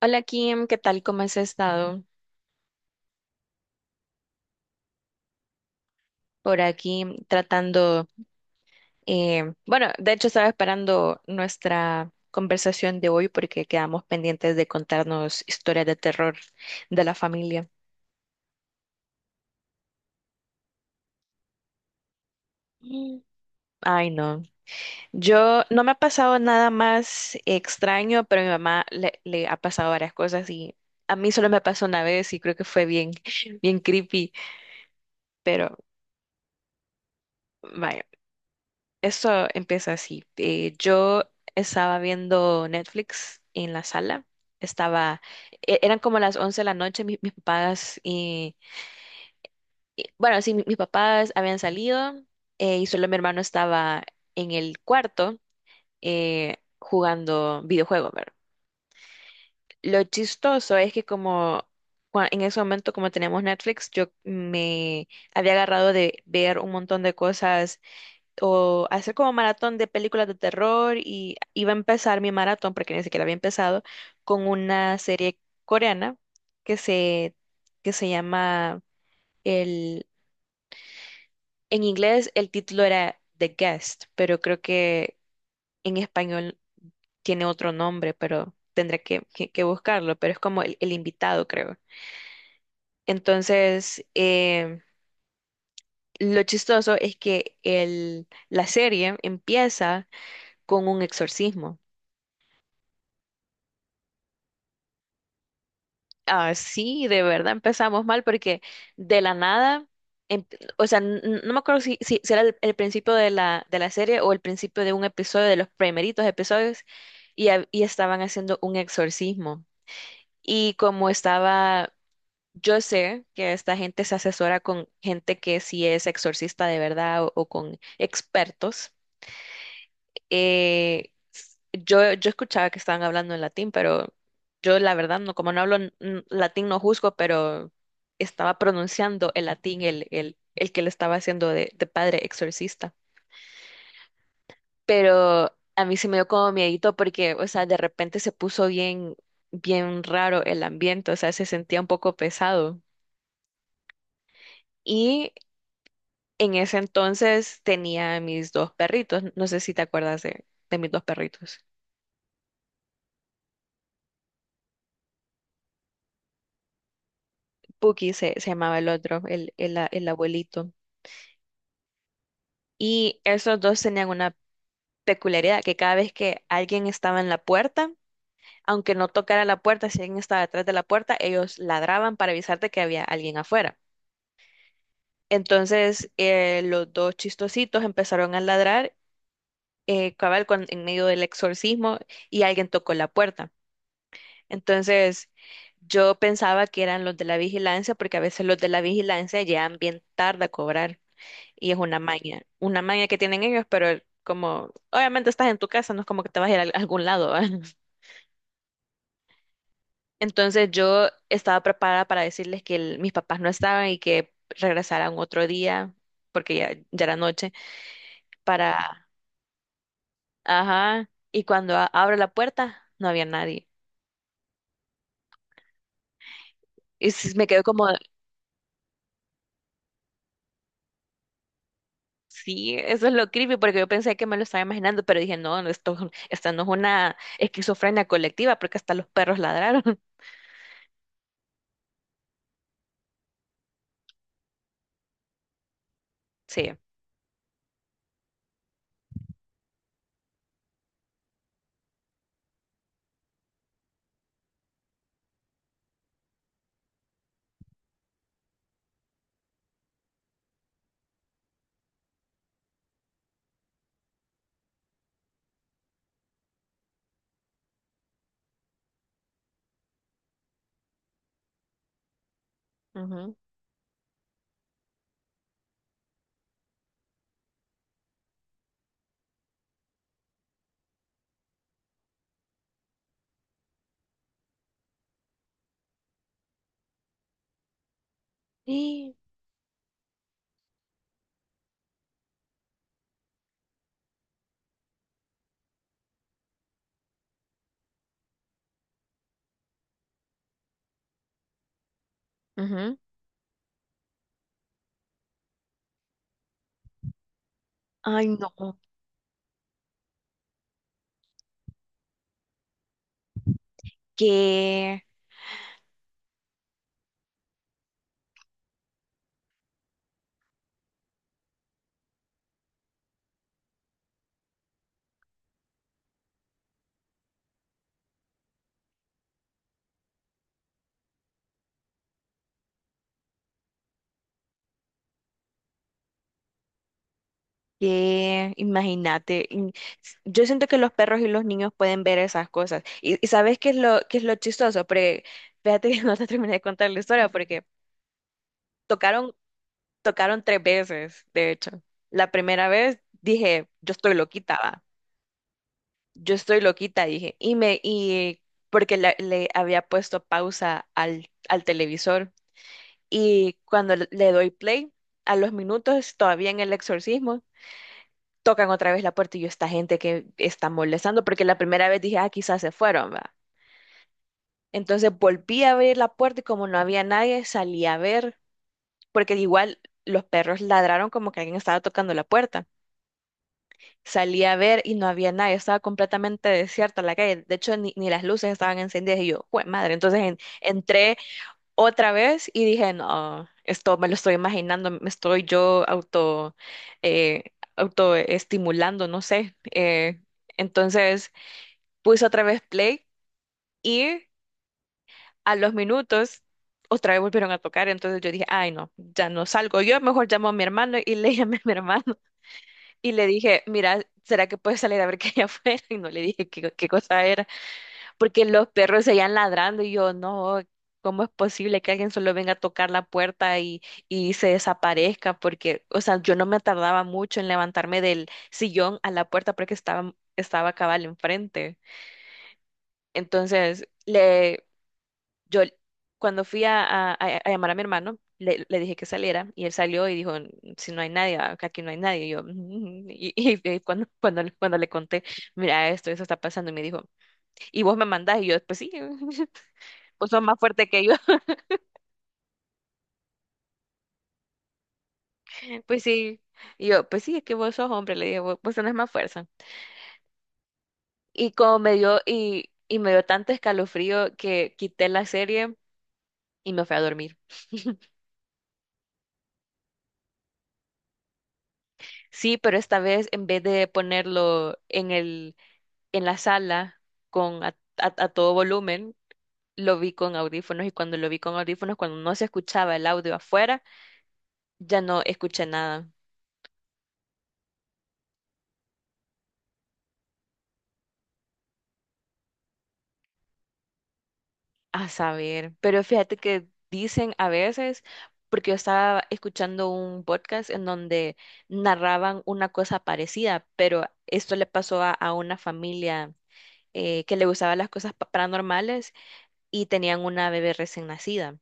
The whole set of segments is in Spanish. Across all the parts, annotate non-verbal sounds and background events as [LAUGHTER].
Hola Kim, ¿qué tal? ¿Cómo has estado? Por aquí tratando, bueno, de hecho estaba esperando nuestra conversación de hoy porque quedamos pendientes de contarnos historias de terror de la familia. Mm. Ay, no. Yo no me ha pasado nada más extraño, pero a mi mamá le ha pasado varias cosas y a mí solo me pasó una vez y creo que fue bien, [LAUGHS] bien creepy, pero vaya. Eso empieza así. Yo estaba viendo Netflix en la sala. Estaba, Eran como las 11 de la noche, mis papás habían salido, y solo mi hermano estaba en el cuarto, jugando videojuegos, ¿verdad? Lo chistoso es que en ese momento, como teníamos Netflix, yo me había agarrado de ver un montón de cosas o hacer como maratón de películas de terror y iba a empezar mi maratón, porque ni siquiera había empezado, con una serie coreana que se, que se llama el, en inglés el título era The Guest, pero creo que en español tiene otro nombre, pero tendré que buscarlo, pero es como el invitado, creo. Entonces, eh, lo chistoso es que la serie empieza con un exorcismo. Ah, sí, de verdad empezamos mal porque de la nada, em- no me acuerdo si era el principio de de la serie o el principio de un episodio, de los primeritos episodios, y estaban haciendo un exorcismo. Y como estaba, yo sé que esta gente se asesora con gente que sí es exorcista de verdad o con expertos eh, yo escuchaba que estaban hablando en latín, pero yo la verdad no, como no hablo latín no juzgo, pero estaba pronunciando el latín, el que le estaba haciendo de padre exorcista. Pero a mí se me dio como miedito porque, o sea, de repente se puso bien, bien raro el ambiente, o sea, se sentía un poco pesado. Y en ese entonces tenía mis dos perritos, no sé si te acuerdas de mis dos perritos. Puki se llamaba el otro, el abuelito. Y esos dos tenían una peculiaridad, que cada vez que alguien estaba en la puerta, aunque no tocara la puerta, si alguien estaba detrás de la puerta, ellos ladraban para avisarte que había alguien afuera. Los dos chistositos empezaron a ladrar, en medio del exorcismo, y alguien tocó la puerta. Entonces, yo pensaba que eran los de la vigilancia, porque a veces los de la vigilancia llegan bien tarde a cobrar. Y es una maña que tienen ellos, pero como obviamente estás en tu casa, no es como que te vas a ir a algún lado, ¿va? [LAUGHS] Entonces yo estaba preparada para decirles que mis papás no estaban y que regresaran otro día, porque ya, ya era noche, para... Ajá. Y cuando abro la puerta, no había nadie. Y me quedo como, sí, eso es lo creepy, porque yo pensé que me lo estaba imaginando, pero dije, no, no, esto, esta no es una esquizofrenia colectiva, porque hasta los perros ladraron. [LAUGHS] Sí. Ujú. Sí. Ujú. Ay, no, qué, qué, imagínate. Yo siento que los perros y los niños pueden ver esas cosas. Y ¿sabes qué es lo chistoso? Porque fíjate que [LAUGHS] no te terminé de contar la historia porque tocaron, tocaron tres veces, de hecho. La primera vez dije, yo estoy loquita, va. Yo estoy loquita, dije. Y me, y porque le había puesto pausa al televisor. Y cuando le doy play, a los minutos, todavía en el exorcismo, tocan otra vez la puerta y yo, esta gente que está molestando, porque la primera vez dije, ah, quizás se fueron, va. Entonces volví a abrir la puerta y como no había nadie, salí a ver, porque igual los perros ladraron como que alguien estaba tocando la puerta. Salí a ver y no había nadie, estaba completamente desierta la calle. De hecho, ni, ni las luces estaban encendidas y yo, ¡jue madre! Entonces entré otra vez y dije, no, esto me lo estoy imaginando, me estoy yo auto, eh, autoestimulando, no sé. Entonces Puse otra vez play y a los minutos otra vez volvieron a tocar. Entonces yo dije, ay, no, ya no salgo. Yo mejor llamo a mi hermano y [LAUGHS] le llamé a mi hermano y le dije, mira, ¿será que puedes salir a ver qué hay afuera? Y no le dije qué, qué cosa era, porque los perros seguían ladrando y yo, no. ¿Cómo es posible que alguien solo venga a tocar la puerta y se desaparezca? Porque, o sea, yo no me tardaba mucho en levantarme del sillón a la puerta porque estaba, estaba cabal enfrente. Entonces, le, yo cuando fui a llamar a mi hermano, le dije que saliera y él salió y dijo, si no hay nadie, acá aquí no hay nadie. Y yo, "Ujú". Cuando, cuando, cuando le conté, mira esto, eso está pasando, y me dijo, ¿y vos me mandás? Y yo, pues sí, [LAUGHS] vos sos más fuerte que yo. [LAUGHS] Pues sí, y yo, pues sí, es que vos sos hombre, le dije, vos, vos tenés más fuerza. Y como me dio, y me dio tanto escalofrío que quité la serie y me fui a dormir. Sí, pero esta vez en vez de ponerlo en la sala con a, a todo volumen, lo vi con audífonos y cuando lo vi con audífonos, cuando no se escuchaba el audio afuera, ya no escuché nada. A saber, pero fíjate que dicen a veces, porque yo estaba escuchando un podcast en donde narraban una cosa parecida, pero esto le pasó a una familia, que le gustaban las cosas paranormales y tenían una bebé recién nacida.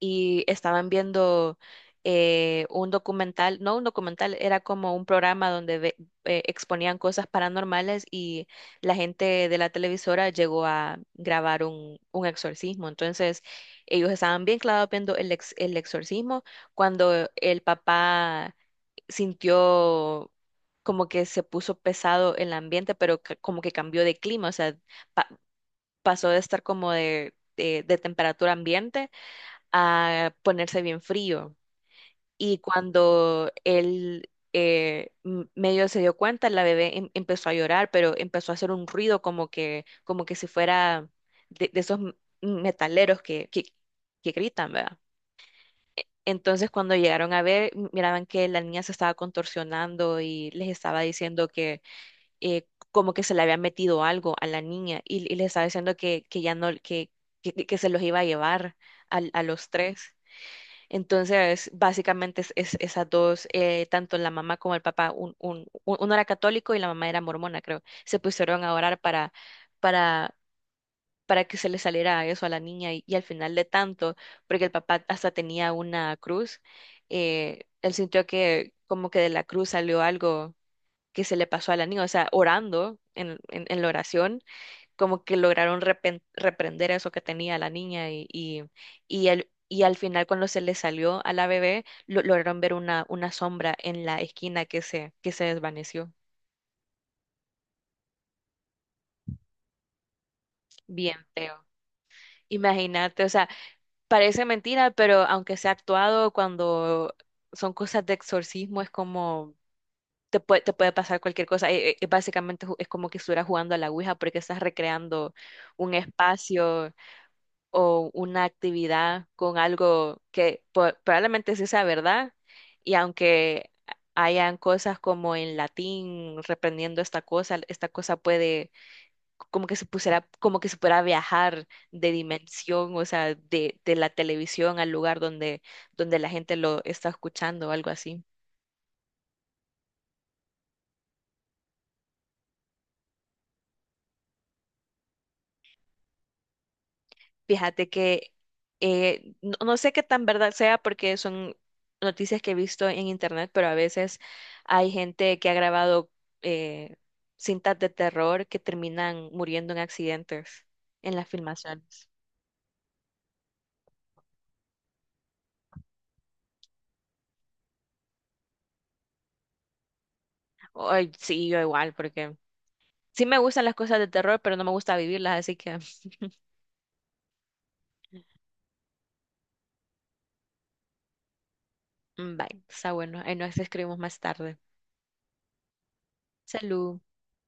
Y estaban viendo, un documental, no un documental, era como un programa donde exponían cosas paranormales y la gente de la televisora llegó a grabar un exorcismo. Entonces, ellos estaban bien clavados viendo el exorcismo cuando el papá sintió... como que se puso pesado el ambiente, pero como que cambió de clima, o sea, pa- pasó de estar como de temperatura ambiente a ponerse bien frío. Y cuando él medio se dio cuenta, la bebé empezó a llorar, pero empezó a hacer un ruido como que si fuera de esos metaleros que gritan, ¿verdad? Entonces cuando llegaron a ver, miraban que la niña se estaba contorsionando y les estaba diciendo que, como que se le había metido algo a la niña y les estaba diciendo que ya no, que se los iba a llevar a los tres. Entonces, básicamente esas dos, tanto la mamá como el papá, uno era católico y la mamá era mormona, creo, se pusieron a orar para, para que se le saliera eso a la niña y al final de tanto, porque el papá hasta tenía una cruz, él sintió que como que de la cruz salió algo que se le pasó a la niña, o sea, orando en la oración como que lograron reprender eso que tenía la niña y y al final cuando se le salió a la bebé, lograron ver una sombra en la esquina que se desvaneció. Bien feo. Imagínate, o sea, parece mentira, pero aunque sea actuado, cuando son cosas de exorcismo, es como... te puede pasar cualquier cosa. Básicamente es como que estuvieras jugando a la Ouija porque estás recreando un espacio, o una actividad con algo que probablemente sí sea verdad, y aunque hayan cosas como en latín reprendiendo esta cosa puede como que se pusiera, como que se pudiera viajar de dimensión, o sea, de la televisión al lugar donde, donde la gente lo está escuchando o algo así. Fíjate que no, no sé qué tan verdad sea porque son noticias que he visto en internet, pero a veces hay gente que ha grabado eh, cintas de terror que terminan muriendo en accidentes en las filmaciones. Ay, sí, yo igual, porque sí me gustan las cosas de terror, pero no me gusta vivirlas, así que mm, bye, está bueno, ahí nos escribimos más tarde. Salud.